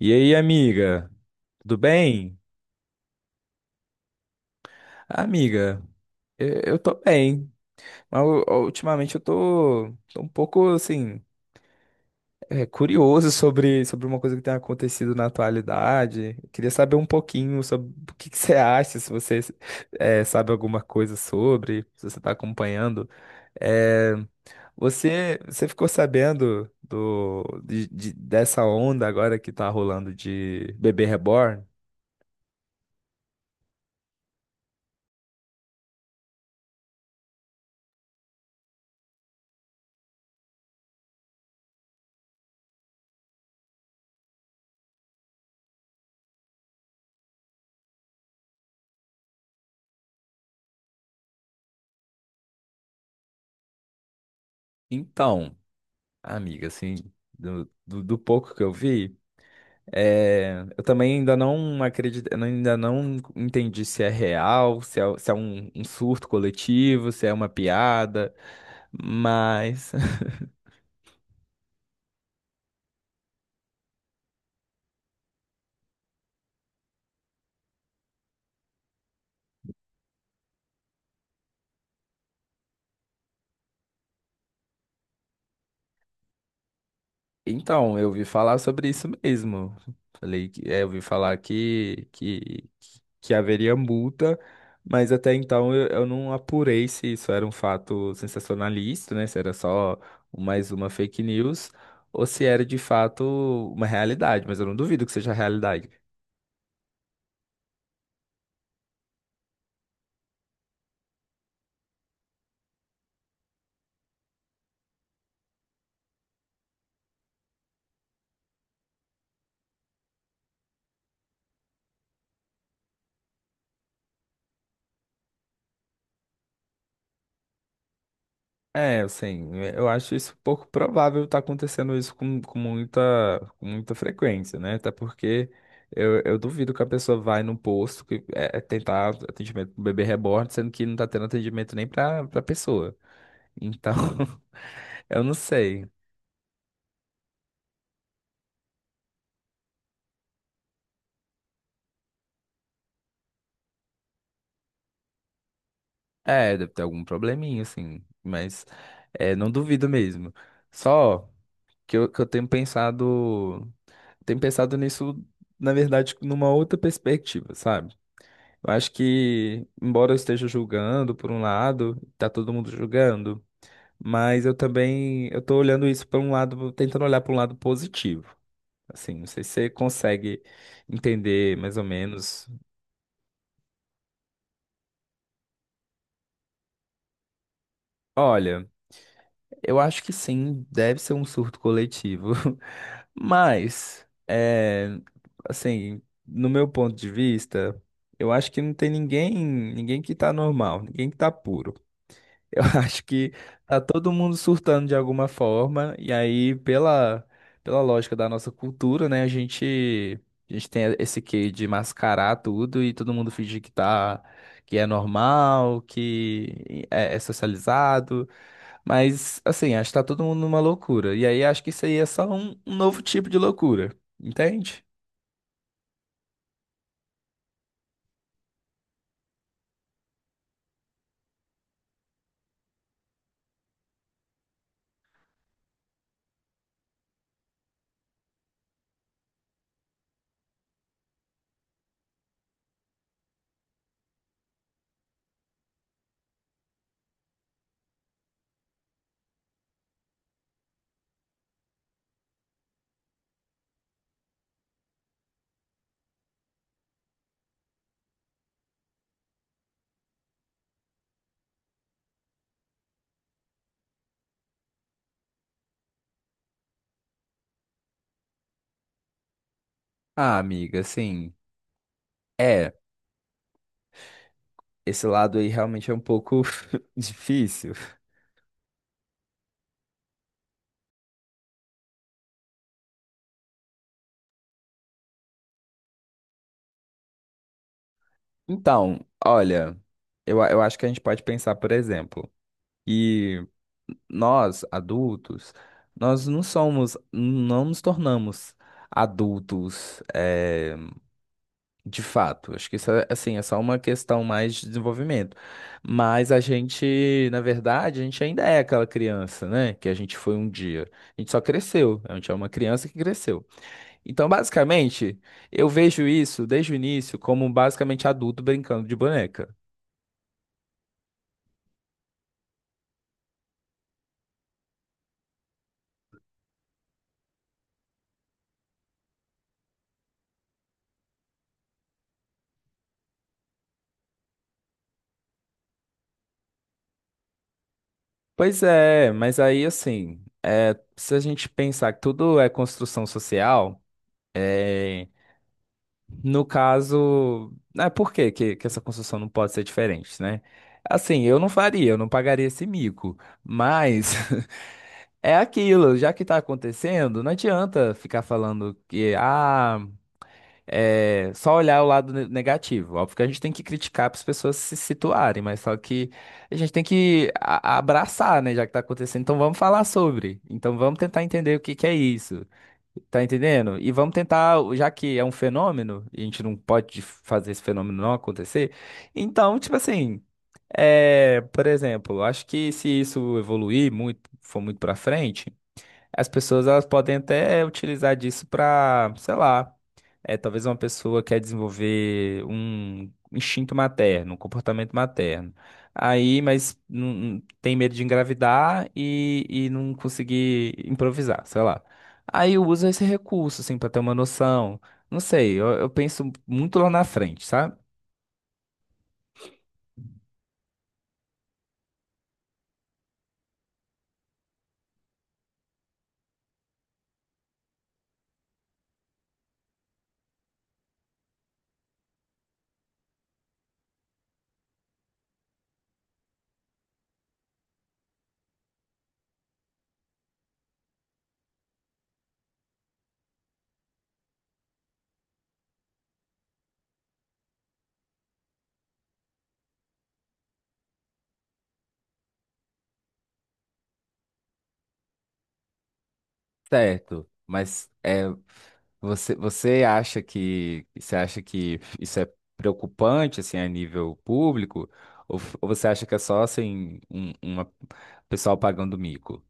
E aí, amiga? Tudo bem? Amiga, eu tô bem, mas ultimamente eu tô um pouco, assim, curioso sobre uma coisa que tem acontecido na atualidade. Eu queria saber um pouquinho sobre o que que você acha, se você sabe alguma coisa sobre, se você tá acompanhando. É, você ficou sabendo dessa onda agora que tá rolando de bebê reborn? Então. Amiga, assim, do pouco que eu vi, eu também ainda não acredito, eu ainda não entendi se é real, se é um surto coletivo, se é uma piada, mas... Então, eu ouvi falar sobre isso mesmo. Falei que é, eu ouvi falar que haveria multa, mas até então eu não apurei se isso era um fato sensacionalista, né? Se era só mais uma fake news ou se era de fato uma realidade, mas eu não duvido que seja realidade. É, assim, é, eu acho isso pouco provável estar acontecendo isso com muita frequência, né? Até porque eu duvido que a pessoa vai num posto é tentar atendimento pro bebê reborn, sendo que não tá tendo atendimento nem pra pessoa. Então, eu não sei. É, deve ter algum probleminha, assim, mas é, não duvido mesmo. Só que eu tenho pensado nisso, na verdade, numa outra perspectiva, sabe? Eu acho que, embora eu esteja julgando por um lado, tá todo mundo julgando, mas eu tô olhando isso por um lado, tentando olhar para um lado positivo. Assim, não sei se você consegue entender mais ou menos. Olha, eu acho que sim, deve ser um surto coletivo, mas, no meu ponto de vista, eu acho que não tem ninguém que tá normal, ninguém que tá puro. Eu acho que tá todo mundo surtando de alguma forma, e aí, pela lógica da nossa cultura, né, a gente tem esse quê de mascarar tudo e todo mundo fingir que tá, que é normal, é socializado, mas, assim, acho que tá todo mundo numa loucura, e aí acho que isso aí é só um novo tipo de loucura, entende? Ah, amiga, assim, é, esse lado aí realmente é um pouco difícil. Então, olha, eu acho que a gente pode pensar, por exemplo, que nós, adultos, nós não somos, não nos tornamos adultos, de fato. Acho que isso é, assim, é só uma questão mais de desenvolvimento. Mas a gente, na verdade, a gente ainda é aquela criança, né? Que a gente foi um dia. A gente só cresceu. A gente é uma criança que cresceu. Então, basicamente, eu vejo isso desde o início como basicamente adulto brincando de boneca. Pois é, mas aí assim, é, se a gente pensar que tudo é construção social, é, no caso, é por que que essa construção não pode ser diferente, né? Assim, eu não faria, eu não pagaria esse mico, mas é aquilo, já que tá acontecendo, não adianta ficar falando que, ah é, só olhar o lado negativo. Óbvio que a gente tem que criticar para as pessoas se situarem, mas só que a gente tem que abraçar, né, já que está acontecendo. Então vamos falar sobre. Então vamos tentar entender o que que é isso. Tá entendendo? E vamos tentar, já que é um fenômeno, e a gente não pode fazer esse fenômeno não acontecer. Então, tipo assim, é, por exemplo, acho que se isso evoluir muito, for muito pra frente, as pessoas elas podem até utilizar disso pra, sei lá. É, talvez uma pessoa quer desenvolver um instinto materno, um comportamento materno. Aí, mas tem medo de engravidar e não conseguir improvisar, sei lá. Aí usa esse recurso, assim, pra ter uma noção. Não sei, eu penso muito lá na frente, sabe? Certo, mas é, você acha que isso é preocupante assim a nível público ou, ou você acha que é só assim uma pessoal pagando mico?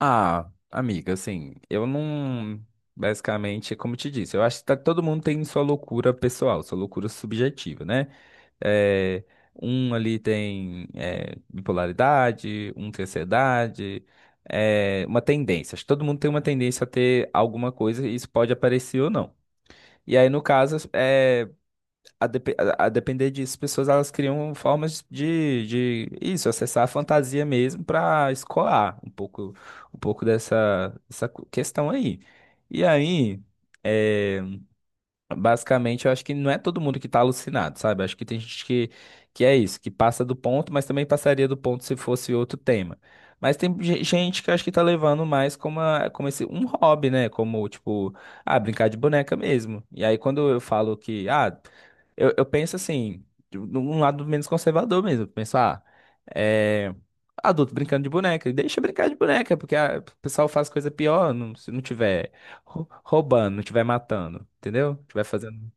Ah, amiga, assim, eu não. Basicamente, como eu te disse, eu acho que todo mundo tem sua loucura pessoal, sua loucura subjetiva, né? É, um ali tem é, bipolaridade, um tem ansiedade, é, uma tendência. Acho que todo mundo tem uma tendência a ter alguma coisa e isso pode aparecer ou não. E aí, no caso, a depender disso, as pessoas elas criam formas de isso, acessar a fantasia mesmo para escoar um pouco dessa questão aí. E aí, eh, basicamente, eu acho que não é todo mundo que está alucinado, sabe? Acho que tem gente que é isso, que passa do ponto, mas também passaria do ponto se fosse outro tema. Mas tem gente que eu acho que tá levando mais como, como esse, um hobby, né? Como, tipo, ah, brincar de boneca mesmo. E aí, quando eu falo que, ah, eu penso assim, de um lado menos conservador mesmo. Eu penso, ah, é. Adulto brincando de boneca, deixa brincar de boneca, porque ah, o pessoal faz coisa pior se não tiver roubando, não estiver matando, entendeu? Estiver fazendo.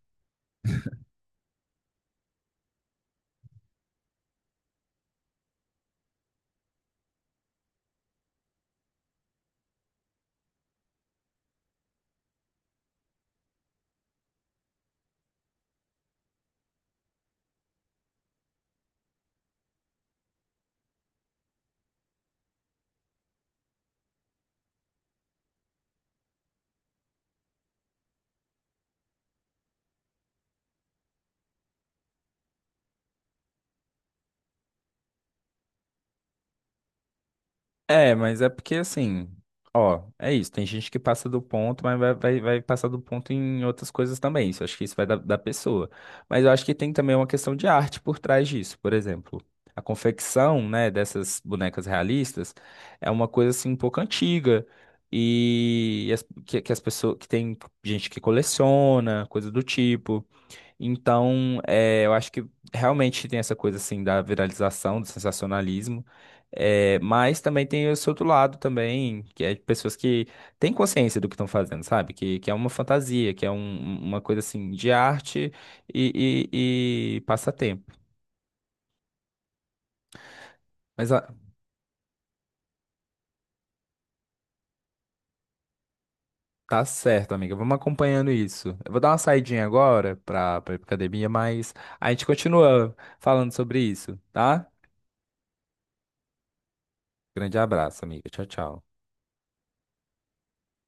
É, mas é porque assim, ó, é isso. Tem gente que passa do ponto, mas vai passar do ponto em outras coisas também. Isso, eu acho que isso vai da pessoa. Mas eu acho que tem também uma questão de arte por trás disso. Por exemplo, a confecção, né, dessas bonecas realistas é uma coisa assim um pouco antiga. Que as pessoas que tem gente que coleciona, coisa do tipo. Então, é, eu acho que realmente tem essa coisa assim da viralização, do sensacionalismo, é, mas também tem esse outro lado também, que é de pessoas que têm consciência do que estão fazendo, sabe? Que é uma fantasia, que é uma coisa assim de arte e passatempo. Mas ah, tá certo, amiga, vamos acompanhando isso. Eu vou dar uma saidinha agora para pra pra ir pra academia, mas a gente continua falando sobre isso, tá? Grande abraço, amiga. Tchau, tchau.